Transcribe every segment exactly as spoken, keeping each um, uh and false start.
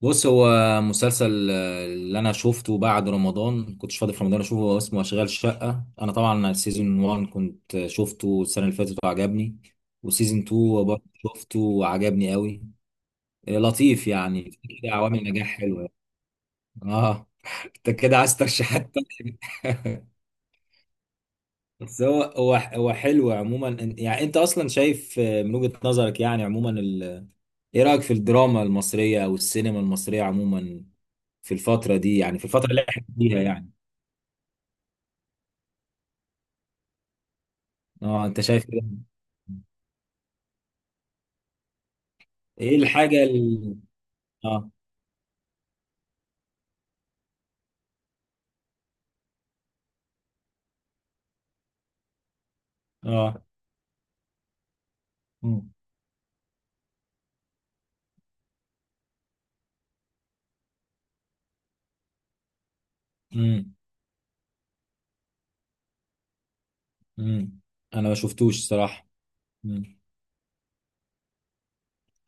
بص هو مسلسل آه، اللي انا شفته بعد رمضان كنتش فاضي في رمضان اشوفه، هو اسمه اشغال شقة. انا طبعا سيزون واحد كنت شفته السنة اللي فاتت وعجبني، وسيزون اتنين برضه شفته وعجبني قوي. آه، لطيف يعني، في كده عوامل نجاح حلوة يعني. اه انت كده عايز ترشيحات تانية. بس هو هو هو حلو عموما، إن- يعني انت اصلا شايف، آه، من وجهة نظرك يعني عموما ال... ايه رأيك في الدراما المصرية او السينما المصرية عموما في الفترة دي، يعني في الفترة اللي احنا فيها يعني. اه انت شايف ايه؟ إيه الحاجة ال... اه. اه. مم. مم. مم. انا ما شفتوش الصراحة. مم.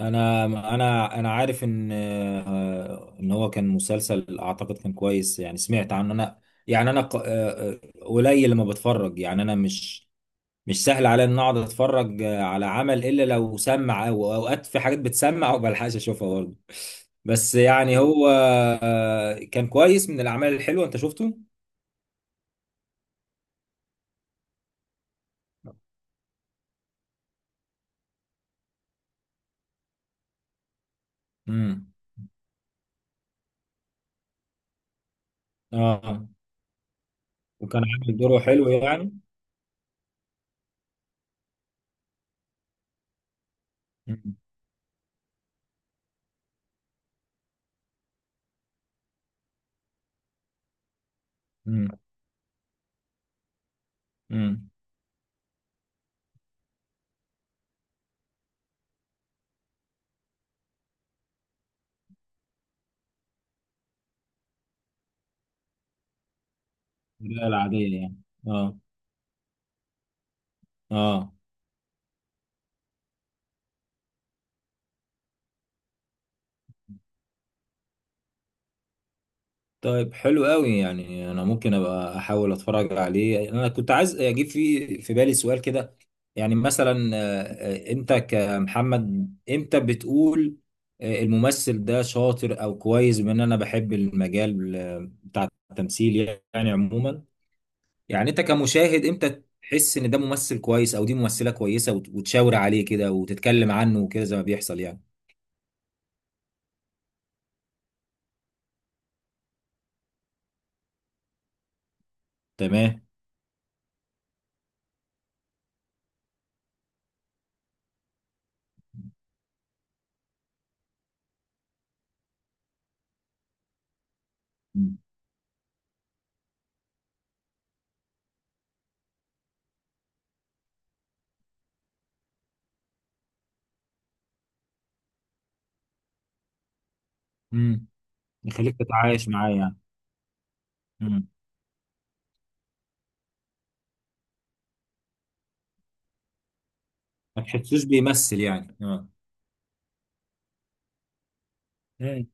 انا انا انا عارف ان، آه، ان هو كان مسلسل اعتقد كان كويس يعني، سمعت عنه انا. يعني انا ق- آه، آه، قليل لما بتفرج، يعني انا مش مش سهل عليا ان اقعد اتفرج على عمل الا لو سمع، او اوقات في حاجات بتسمع وما بلحقش اشوفها برضه. بس يعني هو آه، كان كويس من الاعمال الحلوه، انت شفته. امم. اه، وكان عامل دوره حلو يعني. امم. امم. العاديه يعني. اه. اه. طيب حلو قوي، يعني انا ممكن ابقى احاول اتفرج عليه. انا كنت عايز اجيب في في بالي سؤال كده، يعني مثلا، آه، آه، انت كمحمد امتى بتقول آه، الممثل ده شاطر او كويس، بما ان انا بحب المجال آه، بتاع التمثيل يعني عموما، يعني انت كمشاهد امتى تحس ان ده ممثل كويس او دي ممثلة كويسة، وت- وتشاور عليه كده وتتكلم عنه وكده، زي ما بيحصل يعني. تمام. امم. يخليك تتعايش معاه يعني. ما تحسوش بيمثل يعني، اه. امم.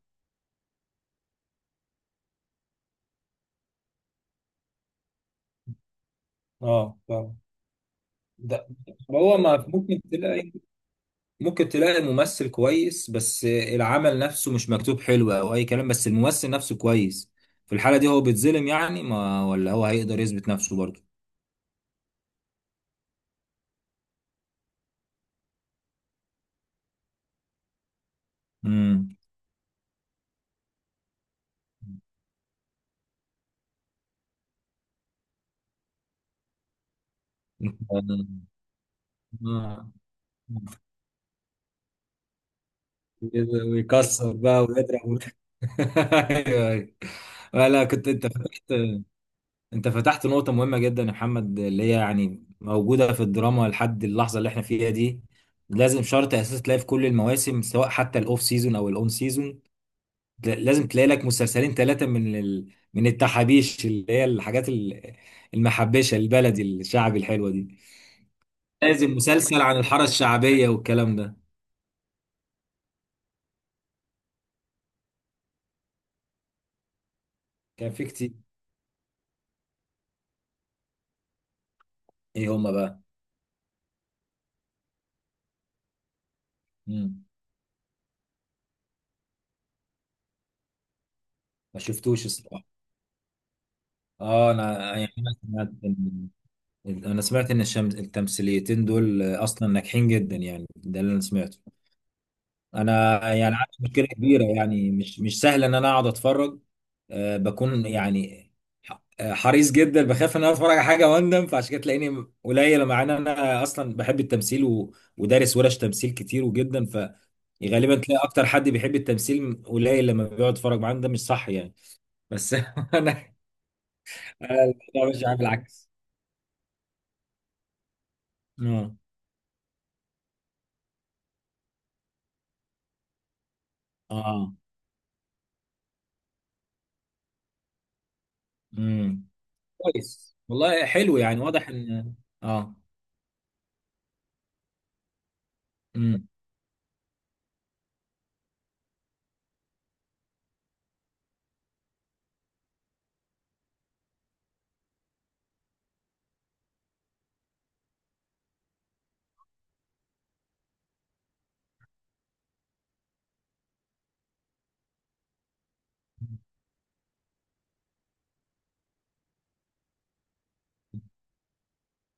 اه فاهم. ده هو، ما ممكن تلاقي ممكن تلاقي ممثل كويس بس العمل نفسه مش مكتوب حلو او اي كلام، بس الممثل نفسه كويس. في الحالة دي هو بيتظلم يعني، ما ولا هو هيقدر يثبت نفسه برضه. امم. آه. ويكسر بقى ويضرب. أيوه، أيوه. لا كنت انت فاكر، انت فتحت نقطة مهمة جدا يا محمد، اللي هي يعني موجودة في الدراما لحد اللحظة اللي احنا فيها دي. لازم شرط اساسي تلاقي في كل المواسم، سواء حتى الاوف سيزون او الاون سيزون، لازم تلاقي لك مسلسلين ثلاثة من ال... من التحابيش، اللي هي الحاجات ال- المحبشة البلدي الشعبي الحلوة دي، لازم مسلسل عن الحارة الشعبية والكلام ده. كان في كتير. ايه هما بقى؟ مم. ما شفتوش الصراحة. اه انا يعني، أنا سمعت، انا سمعت ان الشم... التمثيليتين دول اصلا ناجحين جدا يعني، ده اللي انا سمعته. انا يعني عندي مشكله كبيره، يعني مش مش سهل ان انا اقعد اتفرج. أه بكون يعني ح- آه، حريص جدا، بخاف ان انا اتفرج على حاجه واندم، فعشان كده تلاقيني قليل، مع ان انا اصلا بحب التمثيل و... ودارس ورش تمثيل كتير وجدا، فغالبا تلاقي اكتر حد بيحب التمثيل قليل لما بيقعد يتفرج معاه، ده مش صح يعني. بس انا، أنا الموضوع مش عامل العكس. اه. اه. امم. كويس والله، حلو يعني، واضح ان، اه. امم.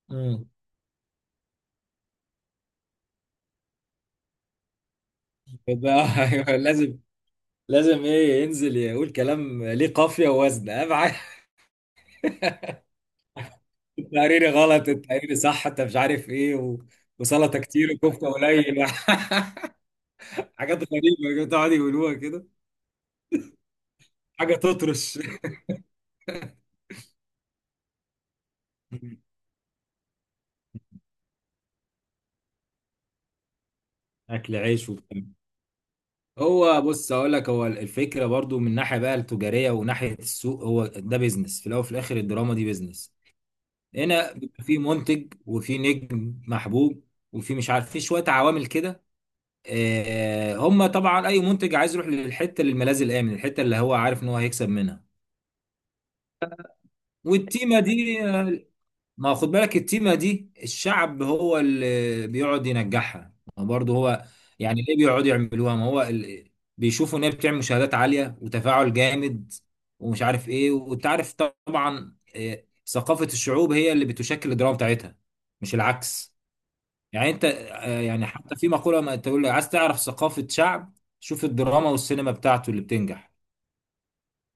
امم. يبقى أيوة، لازم، لازم ايه ينزل يقول كلام ليه قافيه ووزن، اهم حاجه. التقريري غلط التقريري صح، انت مش عارف ايه و... وسلطه كتير وكفته قليل. حاجات غريبه بتقعد يقولوها كده. حاجه تطرش. اكل عيش وبتاع. هو بص اقول لك، هو الفكره برضو من ناحيه بقى التجاريه وناحيه السوق، هو ده بيزنس في الاول وفي الاخر، الدراما دي بيزنس. هنا بيبقى في منتج وفي نجم محبوب وفي مش عارف، في شويه عوامل كده. آه، هم طبعا اي منتج عايز يروح للحته، للملاذ الامن، الحته اللي هو عارف ان هو هيكسب منها. والتيمه دي، آه، ما هو خد بالك، التيمه دي الشعب هو اللي بيقعد ينجحها، ما هو برضه هو، يعني ليه بيقعدوا يعملوها؟ ما هو ال- بيشوفوا ان هي بتعمل مشاهدات عاليه وتفاعل جامد ومش عارف ايه، وانت عارف طبعا، آه، ثقافه الشعوب هي اللي بتشكل الدراما بتاعتها، مش العكس. يعني انت، آه، يعني حتى في مقولة، ما تقول لي عايز تعرف ثقافة شعب، شوف الدراما والسينما بتاعته اللي بتنجح،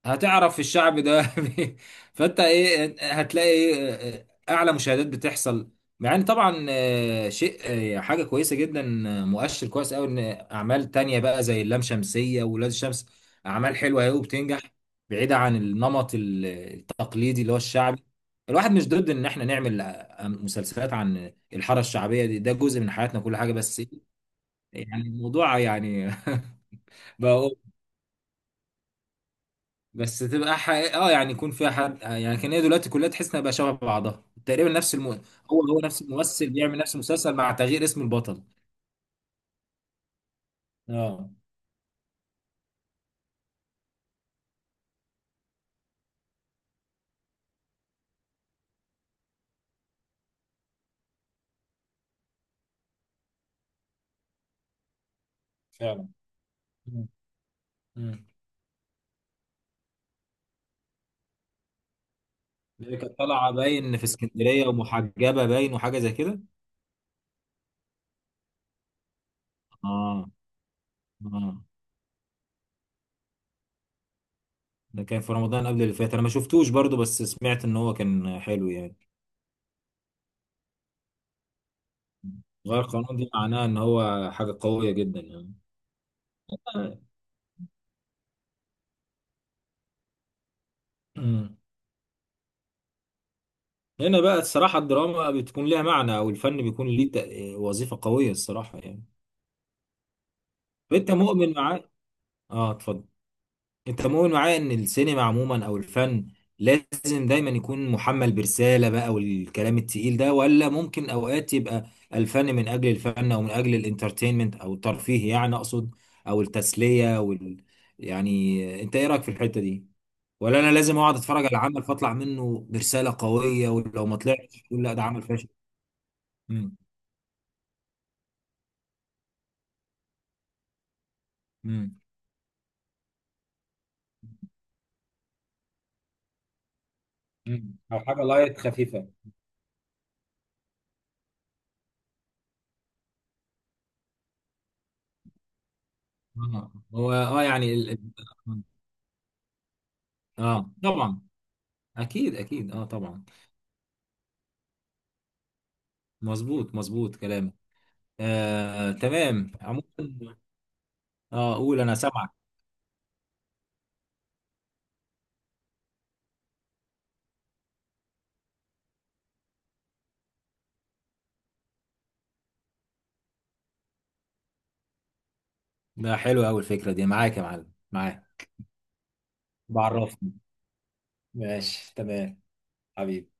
هتعرف الشعب ده. بي- فانت ايه، هتلاقي إيه اعلى مشاهدات بتحصل. مع ان طبعا، آه، شيء، آه، حاجه كويسه جدا، آه، مؤشر كويس قوي، ان اعمال تانية بقى زي اللام شمسيه وولاد الشمس، اعمال حلوه قوي وبتنجح، بعيده عن النمط ال- التقليدي اللي هو الشعبي. الواحد مش ضد ان احنا نعمل آه، مسلسلات عن الحاره الشعبيه، دي ده جزء من حياتنا، كل حاجه بس يعني الموضوع يعني. بقى، بس تبقى حقيقة، اه يعني يكون فيها حد يعني، كان هي دلوقتي كلها تحس انها بقى شبه بعضها تقريبا، نفس الم... هو هو نفس الممثل بيعمل نفس المسلسل مع تغيير اسم البطل. اه فعلا. مم. مم. اللي كانت طالعه باين في اسكندريه ومحجبه باين وحاجه زي كده. اه. اه. ده كان في رمضان قبل اللي فات، انا ما شفتوش برضو، بس سمعت ان هو كان حلو يعني. غير القانون دي معناها ان هو حاجه قويه جدا يعني. آه. هنا بقى الصراحة الدراما بتكون لها معنى، أو الفن بيكون ليه تأ- وظيفة قوية، الصراحة يعني. أنت مؤمن معايا. آه اتفضل. أنت مؤمن معايا إن السينما عموما أو الفن لازم دايما يكون محمل برسالة بقى والكلام التقيل ده، ولا ممكن أوقات يبقى الفن من أجل الفن، أو من أجل الانترتينمنت، أو الترفيه يعني، أقصد أو التسلية وال، يعني أنت إيه رأيك في الحتة دي؟ ولا أنا لازم أقعد أتفرج على عمل فأطلع منه برسالة قوية، ولو ما طلعش أقول لا ده عمل فاشل؟ مم. امم. مم. او حاجه لايت خفيفه. اه هو اه يعني ال... ال- اه آه. طبعا، اكيد اكيد اه طبعا. مظبوط مظبوط كلامك. آه تمام عموما. اه قول انا سامعك. ده حلو قوي الفكره دي، معاك يا معلم، معاك. بعرفني. ماشي تمام. حبيبي